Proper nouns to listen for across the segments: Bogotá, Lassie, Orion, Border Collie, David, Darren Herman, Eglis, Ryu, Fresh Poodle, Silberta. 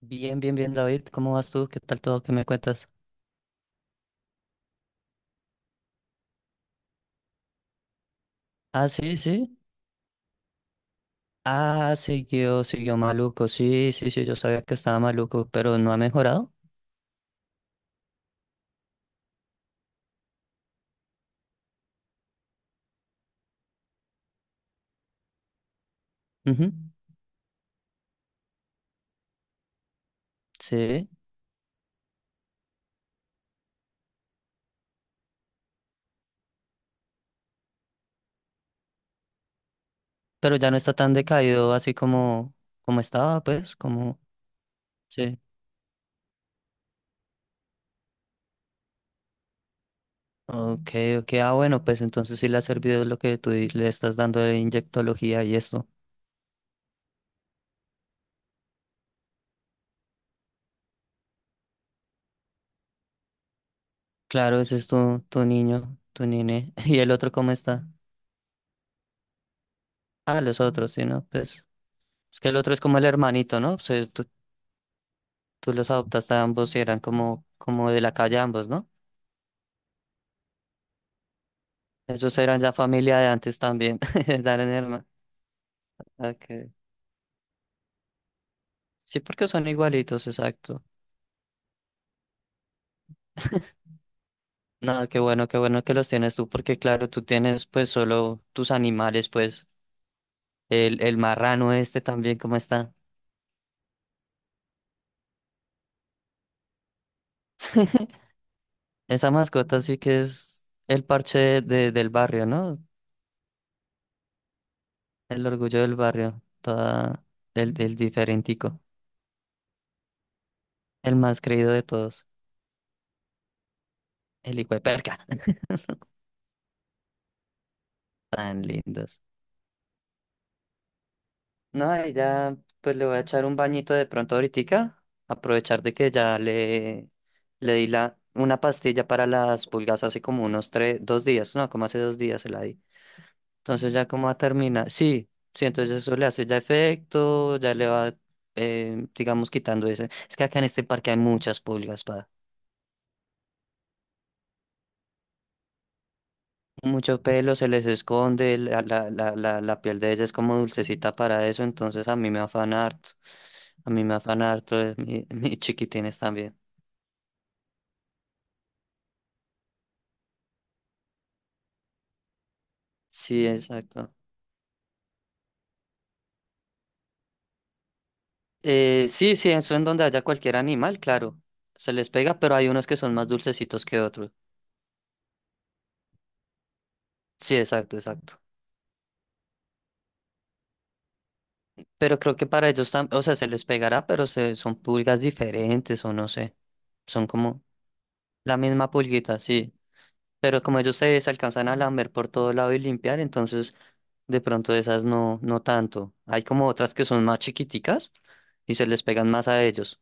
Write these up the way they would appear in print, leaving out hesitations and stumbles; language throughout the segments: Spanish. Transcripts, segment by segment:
Bien, bien, bien, David. ¿Cómo vas tú? ¿Qué tal todo? ¿Qué me cuentas? Ah, sí, sí. Ah, siguió maluco. Sí, sí, sí, yo sabía que estaba maluco, pero no ha mejorado. Ujú. Sí, pero ya no está tan decaído así como estaba, pues. Sí. Ok, ok. Ah, bueno, pues entonces sí le ha servido lo que le estás dando de inyectología y esto. Claro, ese es tu niño, tu nene. ¿Y el otro cómo está? Ah, los otros, sí, ¿no? Pues. Es que el otro es como el hermanito, ¿no? Tú los adoptaste a ambos y eran como, como de la calle ambos, ¿no? Esos eran ya familia de antes también, Darren Herman. Okay. Sí, porque son igualitos, exacto. Nada, qué bueno que los tienes tú, porque claro, tú tienes pues solo tus animales, pues el marrano este también, ¿cómo está? Esa mascota sí que es el parche del barrio, ¿no? El orgullo del barrio, el diferentico, el más creído de todos, el hijo de perca. Tan lindos. No, y ya pues le voy a echar un bañito de pronto ahoritica, aprovechar de que ya le di una pastilla para las pulgas hace como unos tres, dos días, no, como hace 2 días se la di. Entonces ya como va a terminar, sí, sí, entonces eso le hace ya efecto, ya le va, digamos, quitando ese. Es que acá en este parque hay muchas pulgas, pa. Mucho pelo, se les esconde, la piel de ella es como dulcecita para eso, entonces a mí me afana harto. A mí me afana harto mis chiquitines también. Sí, exacto. Sí, sí, eso en donde haya cualquier animal, claro, se les pega, pero hay unos que son más dulcecitos que otros. Sí, exacto, exacto. Pero creo que para ellos también, o sea, se les pegará, pero son pulgas diferentes o no sé. Son como la misma pulguita, sí. Pero como ellos se alcanzan a lamer por todo lado y limpiar, entonces de pronto esas no, no tanto. Hay como otras que son más chiquiticas y se les pegan más a ellos.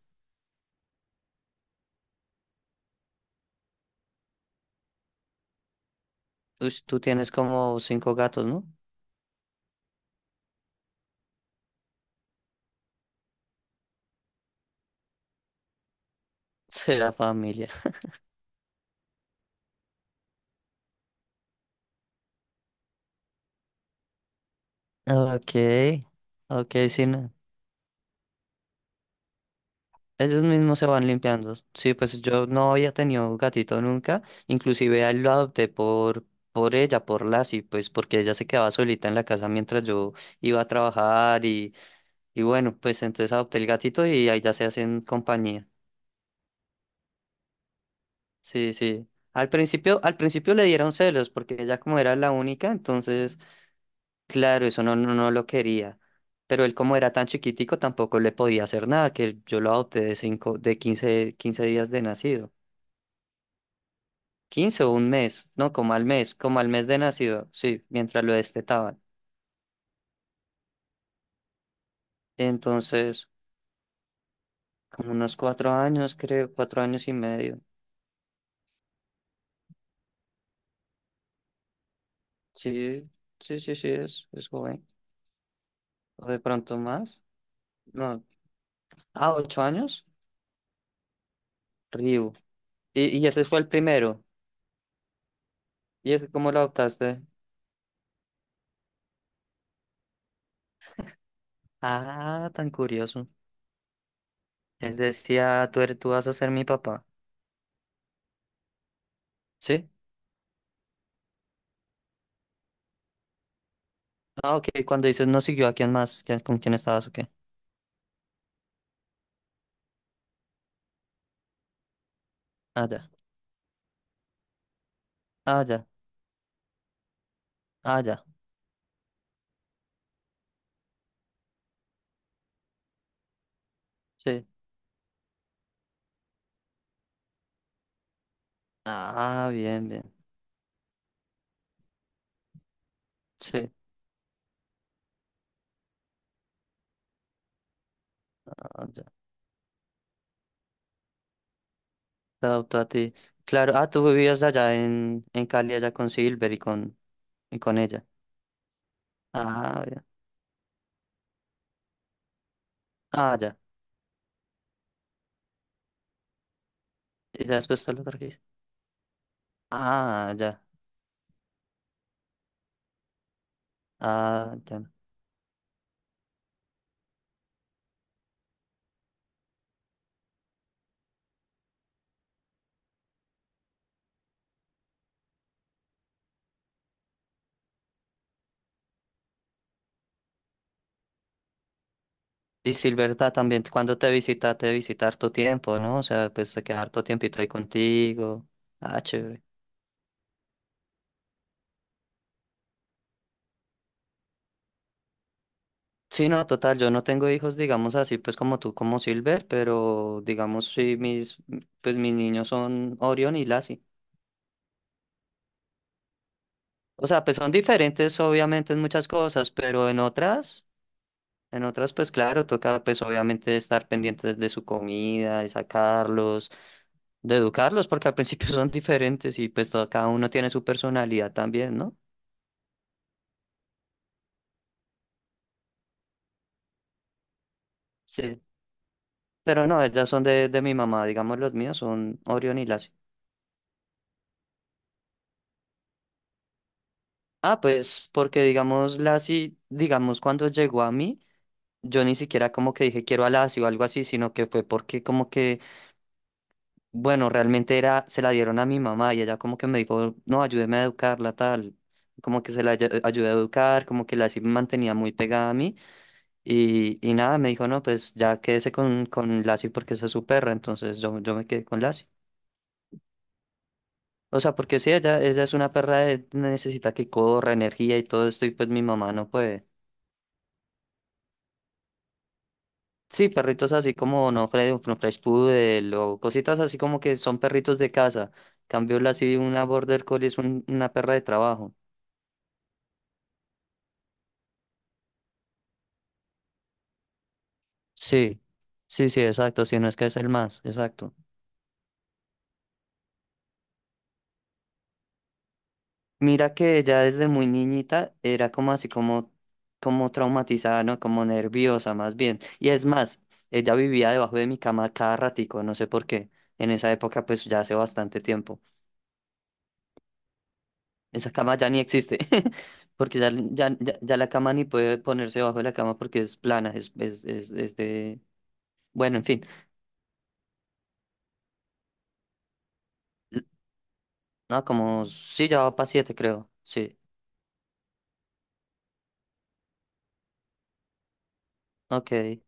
Uy, tú tienes como cinco gatos, ¿no? Será familia. Ok, ok, sí, no. Ellos mismos se van limpiando. Sí, pues yo no había tenido gatito nunca. Inclusive a él lo adopté por ella, por Lassie, pues porque ella se quedaba solita en la casa mientras yo iba a trabajar. Y bueno, pues entonces adopté el gatito y ahí ya se hacen compañía. Sí, sí. Al principio le dieron celos porque ella como era la única, entonces, claro, eso no, no, no lo quería. Pero él como era tan chiquitico tampoco le podía hacer nada, que yo lo adopté de quince días de nacido. Quince o un mes, no, como al mes de nacido, sí, mientras lo destetaban. Entonces, como unos 4 años, creo, 4 años y medio. Sí, sí, sí, sí, es joven. O de pronto más. No. Ah, 8 años. Ryu. Y ese fue el primero. ¿Y ese cómo lo adoptaste? Ah, tan curioso. Él decía, tú vas a ser mi papá. ¿Sí? Ah, ok. Cuando dices no siguió, ¿a quién más? ¿Con quién estabas o qué? Ah, ya. Ah, ya. Ah, ya. Sí. Ah, bien, bien. Sí. Ah, ya. Te adoptó a ti. Claro. Ah, tú vivías allá en Cali, allá con Silver y con ella. Ah, bien. Ah, ya. Y ya después te lo trajiste. Ah, ya. Ah, ya. Y Silberta también, cuando te visita harto tiempo, ¿no? O sea, pues se queda harto tiempito ahí contigo. Ah, chévere. Sí, no, total, yo no tengo hijos, digamos así, pues como tú, como Silver, pero digamos sí, pues mis niños son Orion y Lassie. O sea, pues son diferentes obviamente en muchas cosas, pero en otras pues claro, toca pues obviamente estar pendientes de su comida, de sacarlos, de educarlos, porque al principio son diferentes y pues cada uno tiene su personalidad también, ¿no? Sí. Pero no, ellas son de mi mamá, digamos los míos son Orión y Lassie. Ah, pues porque digamos Lassie, digamos cuando llegó a mí, yo ni siquiera como que dije quiero a Lassie o algo así, sino que fue porque como que, bueno, realmente era, se la dieron a mi mamá y ella como que me dijo, no, ayúdeme a educarla, tal. Como que se la ayudé a educar, como que Lassie me mantenía muy pegada a mí y nada, me dijo, no, pues ya quédese con Lassie porque esa es su perra, entonces yo me quedé con Lassie. O sea, porque sí, ella es una perra de necesita que corra, energía y todo esto, y pues mi mamá no puede. Sí, perritos así como no Fresh Poodle o cositas así como que son perritos de casa. Cambio la sí, una Border Collie es una perra de trabajo. Sí, sí, sí, exacto, si no es que es el más, exacto. Mira que ella desde muy niñita era como así como traumatizada, ¿no? Como nerviosa más bien. Y es más, ella vivía debajo de mi cama cada ratico, no sé por qué. En esa época, pues ya hace bastante tiempo. Esa cama ya ni existe, porque ya, ya, ya, ya la cama ni puede ponerse debajo de la cama porque es plana, es de. Bueno, en fin. No, como sí, ya va para siete, creo. Sí, ok.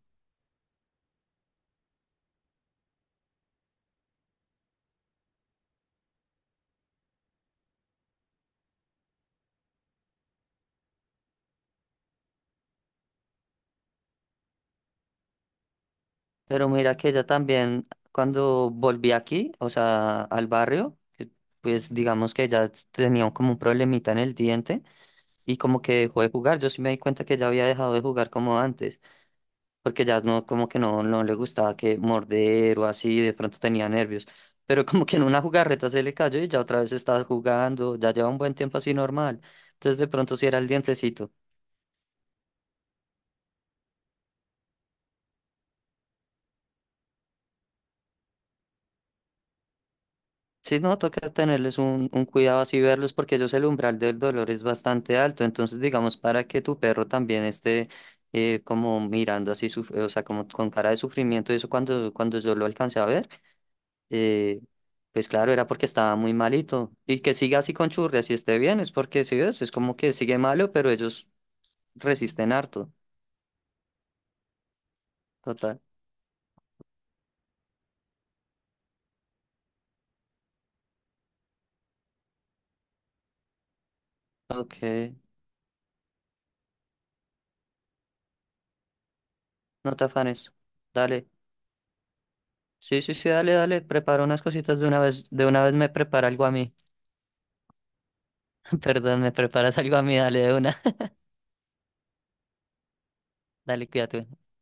Pero mira que ella también, cuando volví aquí, o sea, al barrio, que, pues digamos que ella tenía como un problemita en el diente y como que dejó de jugar. Yo sí me di cuenta que ella había dejado de jugar como antes, porque ya no, como que no, no le gustaba que morder o así, de pronto tenía nervios. Pero como que en una jugarreta se le cayó y ya otra vez está jugando, ya lleva un buen tiempo así normal. Entonces de pronto sí era el dientecito. Sí, no, toca tenerles un, cuidado así, verlos, porque ellos el umbral del dolor es bastante alto. Entonces, digamos, para que tu perro también esté como mirando así, o sea, como con cara de sufrimiento, eso cuando yo lo alcancé a ver, eh, pues claro, era porque estaba muy malito. Y que siga así con churrias y esté bien, es porque, si ves, es como que sigue malo, pero ellos resisten harto. Total. Ok, no te afanes. Dale. Sí, sí, sí, dale, dale. Prepara unas cositas de una vez me prepara algo a mí. Perdón, me preparas algo a mí, dale de una. Dale, cuídate.